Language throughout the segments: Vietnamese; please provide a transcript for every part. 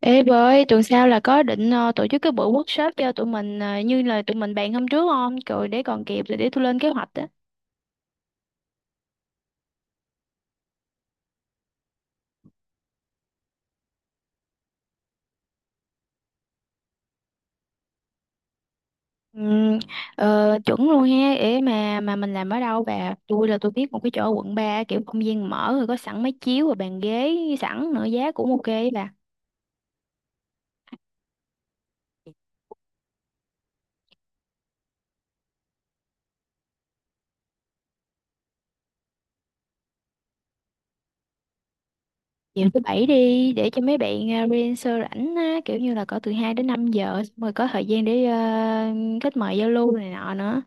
Ê bà ơi, tuần sau là có định tổ chức cái buổi workshop cho tụi mình như là tụi mình bàn hôm trước không? Rồi để còn kịp, rồi để tôi lên kế hoạch á. Ừm, ờ, chuẩn luôn ha, để mà mình làm ở đâu bà? Tôi là tôi biết một cái chỗ ở quận ba, kiểu không gian mở rồi có sẵn máy chiếu và bàn ghế sẵn nữa, giá cũng ok ấy bà. Chiều thứ bảy đi để cho mấy bạn freelancer rảnh á, kiểu như là có từ 2 đến 5 giờ xong rồi có thời gian để kết mời giao lưu này nọ nữa.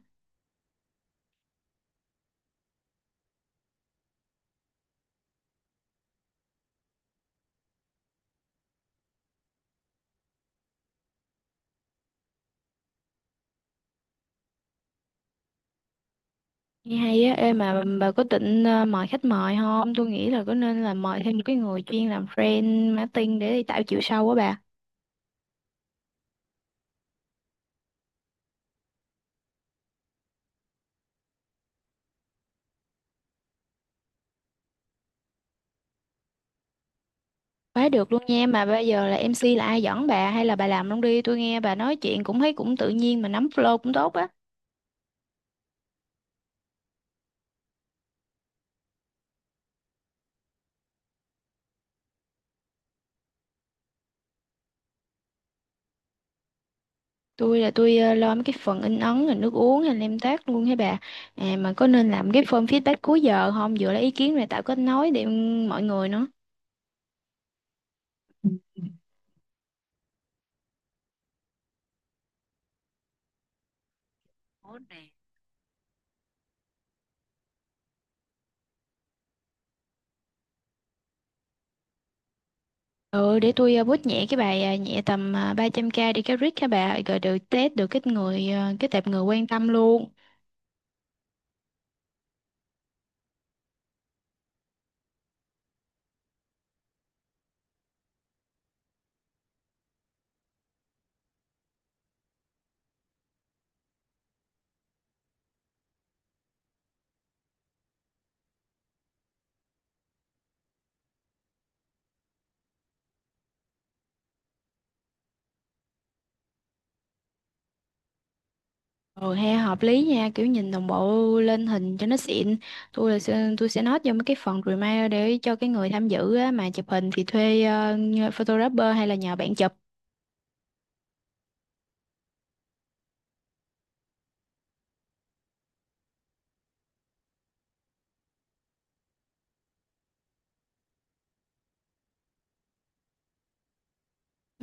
Nghe hay á, ê mà bà có định mời khách mời không? Tôi nghĩ là có, nên là mời thêm một cái người chuyên làm friend marketing để đi tạo chiều sâu á bà. Quá được luôn nha, mà bây giờ là MC là ai dẫn bà hay là bà làm luôn đi, tôi nghe bà nói chuyện cũng thấy cũng tự nhiên mà nắm flow cũng tốt á. Tôi lo mấy cái phần in ấn rồi nước uống hay nem tác luôn hả bà. À, mà có nên làm cái form feedback cuối giờ không? Vừa lấy ý kiến này tạo kết nối để mọi người nữa. Ừ, để tôi bút nhẹ cái bài à, nhẹ tầm 300k đi cái rít các bà rồi được test được cái người à, cái tệp người quan tâm luôn. Rồi he hợp lý nha, kiểu nhìn đồng bộ lên hình cho nó xịn. Tôi sẽ note vô mấy cái phần reminder để cho cái người tham dự á, mà chụp hình thì thuê à, nhờ photographer hay là nhờ bạn chụp.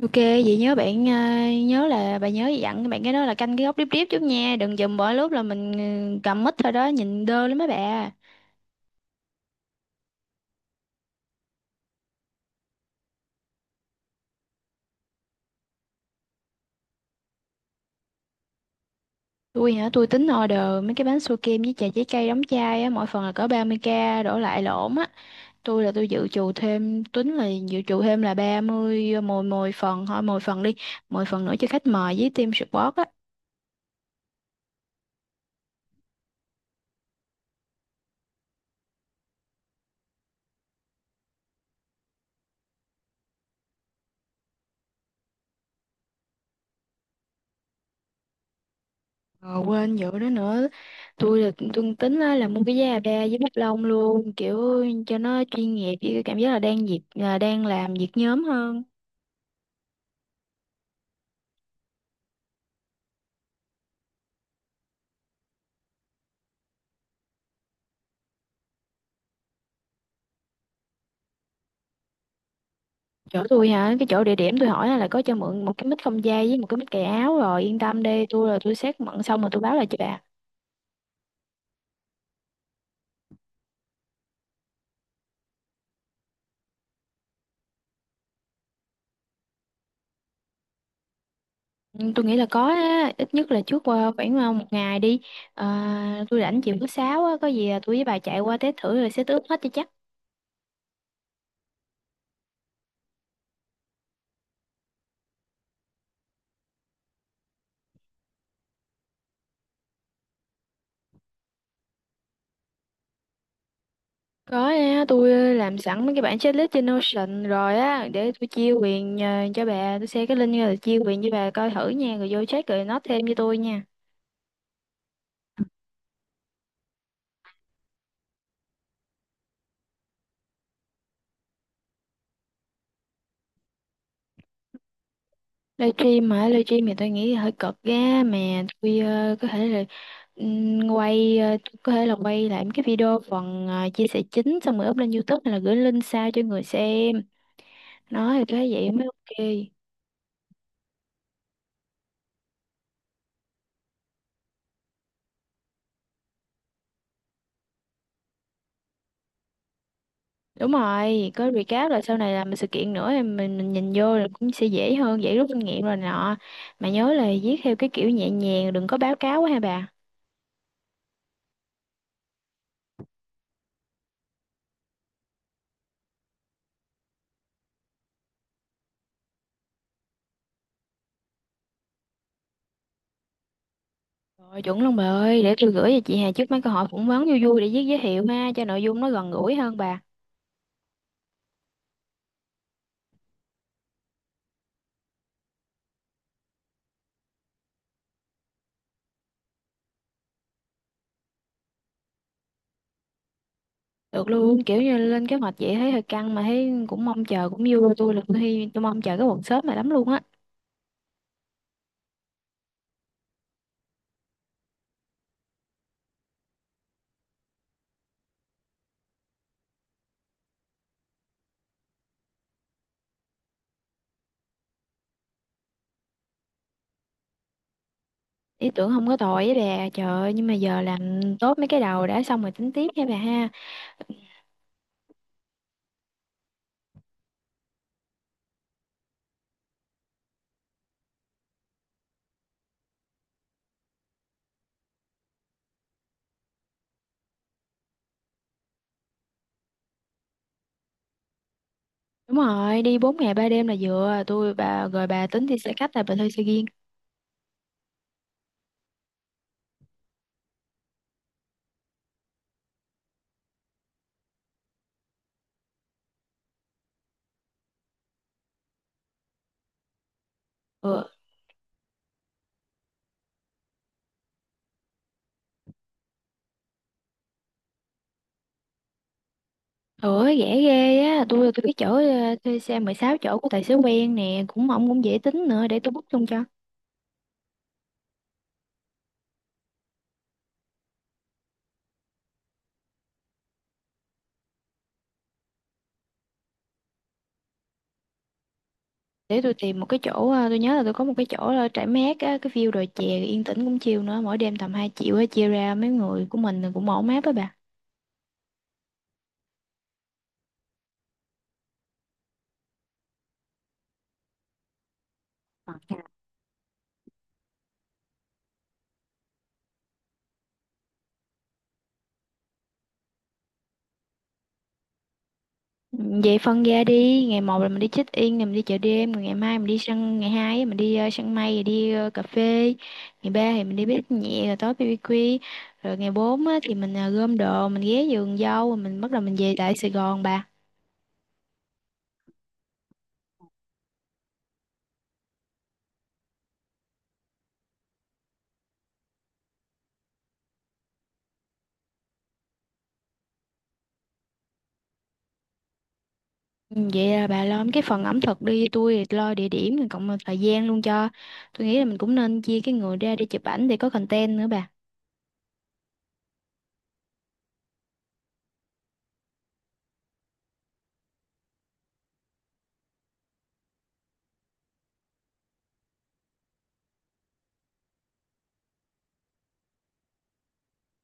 Ok vậy nhớ bạn à, nhớ là bà nhớ dặn bạn cái đó là canh cái góc điếp điếp chút nha, đừng dùm bỏ lúc là mình ừ, cầm mic thôi đó nhìn đơ lắm mấy bà. Tôi hả, tôi tính order mấy cái bánh su kem với trà trái cây đóng chai á, mỗi phần là cỡ 30k đổ lại lộn á. Tôi là tôi dự trù thêm, Tính là dự trù thêm là 30 mồi mồi phần thôi, mồi phần đi, mồi phần nữa cho khách mời với team support á. Ờ, quên vụ đó nữa. Tôi tính á, là mua cái giá ba với bút lông luôn, kiểu cho nó chuyên nghiệp, với cái cảm giác là đang dịp là đang làm việc nhóm hơn. Chỗ tôi hả, cái chỗ địa điểm tôi hỏi là có cho mượn một cái mít không dây với một cái mít cài áo rồi, yên tâm đi, tôi xét mận xong rồi tôi báo lại cho bà. Ừ, tôi nghĩ là có á, ít nhất là trước khoảng một ngày đi. À, tôi rảnh chiều thứ sáu á, có gì là tôi với bà chạy qua test thử rồi set up hết cho chắc. Có á, tôi làm sẵn mấy cái bản checklist trên Notion rồi á, để tôi chia quyền cho bà, tôi share cái link rồi chia quyền cho bà coi thử nha rồi vô check rồi nó thêm cho tôi nha. Livestream hả, livestream thì tôi nghĩ hơi cực ghê. Mà tôi có thể là tôi có thể là quay lại mấy cái video phần chia sẻ chính xong rồi up lên YouTube hay là gửi link sao cho người xem nói thì tôi thấy vậy mới ok. Đúng rồi, có recap là sau này làm sự kiện nữa thì mình nhìn vô là cũng sẽ dễ hơn, dễ rút kinh nghiệm rồi nọ. Mà nhớ là viết theo cái kiểu nhẹ nhàng, đừng có báo cáo quá ha bà. Rồi chuẩn luôn bà ơi, để tôi gửi cho chị Hà trước mấy câu hỏi phỏng vấn vui vui để viết giới thiệu ha, cho nội dung nó gần gũi hơn bà. Được luôn, kiểu như lên kế hoạch vậy thấy hơi căng mà thấy cũng mong chờ cũng vui, tôi là tôi hy- tôi mong chờ cái workshop này lắm luôn á. Ý tưởng không có tồi với bà, trời ơi, nhưng mà giờ làm tốt mấy cái đầu đã xong rồi tính tiếp nha bà ha. Đúng rồi, đi 4 ngày 3 đêm là vừa, tôi bà rồi bà tính đi xe khách là bà thuê xe riêng? Ừ, ủa rẻ ghê á, tôi cái chỗ thuê xe 16 chỗ của tài xế quen nè, cũng ông cũng dễ tính nữa, để tôi book luôn cho. Để tôi tìm một cái chỗ à, tôi nhớ là tôi có một cái chỗ là trải mát á, cái view đồi chè yên tĩnh cũng chill nữa, mỗi đêm tầm 2 triệu á, chia ra mấy người của mình thì cũng ổn áp á bà. Ừ, vậy phân ra đi, ngày một là mình đi check in rồi mình đi chợ đêm, rồi ngày mai mình đi săn, ngày hai á, mình đi săn mây rồi đi cà phê, ngày ba thì mình đi bếp nhẹ rồi tối BBQ, rồi ngày bốn á, thì mình gom đồ, mình ghé vườn dâu rồi mình bắt đầu mình về lại Sài Gòn bà. Ừ, vậy là bà lo cái phần ẩm thực đi, tôi thì lo địa điểm rồi cộng thời gian luôn cho. Tôi nghĩ là mình cũng nên chia cái người ra để chụp ảnh để có content nữa bà.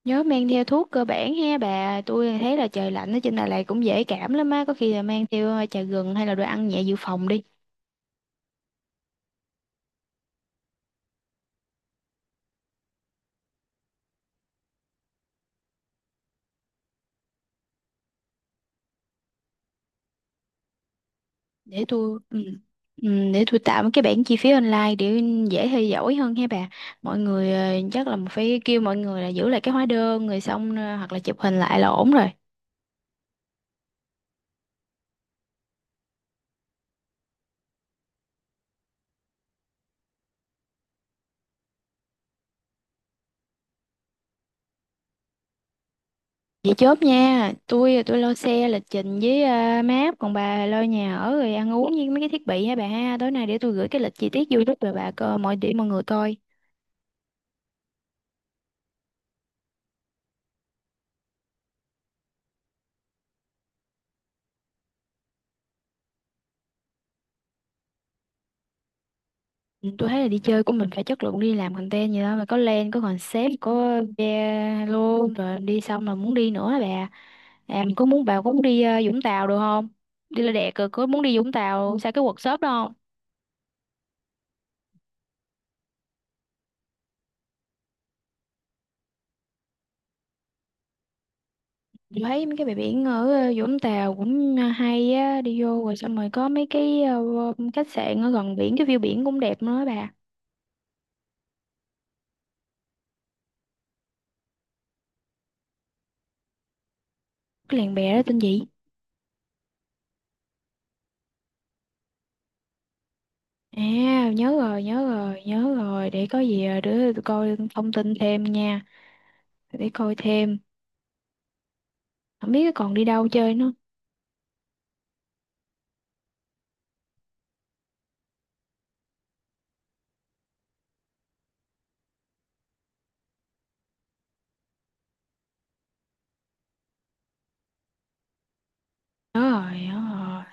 Nhớ mang theo thuốc cơ bản ha bà, tôi thấy là trời lạnh ở trên Đà Lạt cũng dễ cảm lắm á, có khi là mang theo trà gừng hay là đồ ăn nhẹ dự phòng đi. Để tôi ừ. Ừ, để tôi tạo cái bảng chi phí online để dễ theo dõi hơn ha bà. Mọi người chắc là phải kêu mọi người là giữ lại cái hóa đơn rồi xong hoặc là chụp hình lại là ổn rồi. Vậy chốt nha, tôi lo xe lịch trình với map, còn bà lo nhà ở rồi ăn uống với mấy cái thiết bị ha bà ha. Tối nay để tôi gửi cái lịch chi tiết vô giúp rồi bà coi mọi điểm mọi người coi. Ừ, tôi thấy là đi chơi của mình phải chất lượng, đi làm content gì đó mà có plan, có concept, có video luôn rồi đi xong là muốn đi nữa hả bà. À, mình có muốn bà có muốn đi Vũng Tàu được không? Đi là đẹp rồi, có muốn đi Vũng Tàu sao cái workshop đó không? Chị thấy mấy cái bãi biển ở Vũng Tàu cũng hay á, đi vô rồi xong rồi có mấy cái khách sạn ở gần biển cái view biển cũng đẹp nữa á bà. Cái làng bè đó tên gì? À, nhớ rồi, để có gì để tôi coi thông tin thêm nha. Để coi thêm, không biết còn đi đâu chơi nữa. Nhớ rồi.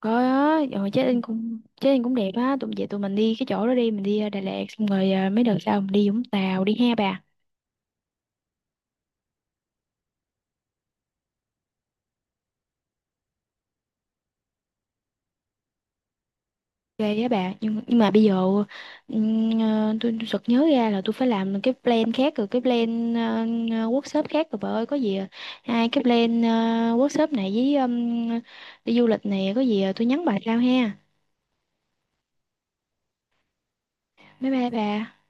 Có á, rồi chết anh, cũng chết anh cũng đẹp á, tụi về tụi mình đi cái chỗ đó đi, mình đi Đà Lạt xong rồi mấy đợt sau mình đi Vũng Tàu đi ha bà. Ghê á bà, nhưng mà bây giờ tôi sực nhớ ra là tôi phải làm cái plan khác rồi, cái plan workshop khác rồi bà ơi, có gì à? Hai cái plan workshop này với đi du lịch này, có gì à? Tôi nhắn bà sau ha. Bye bye bà.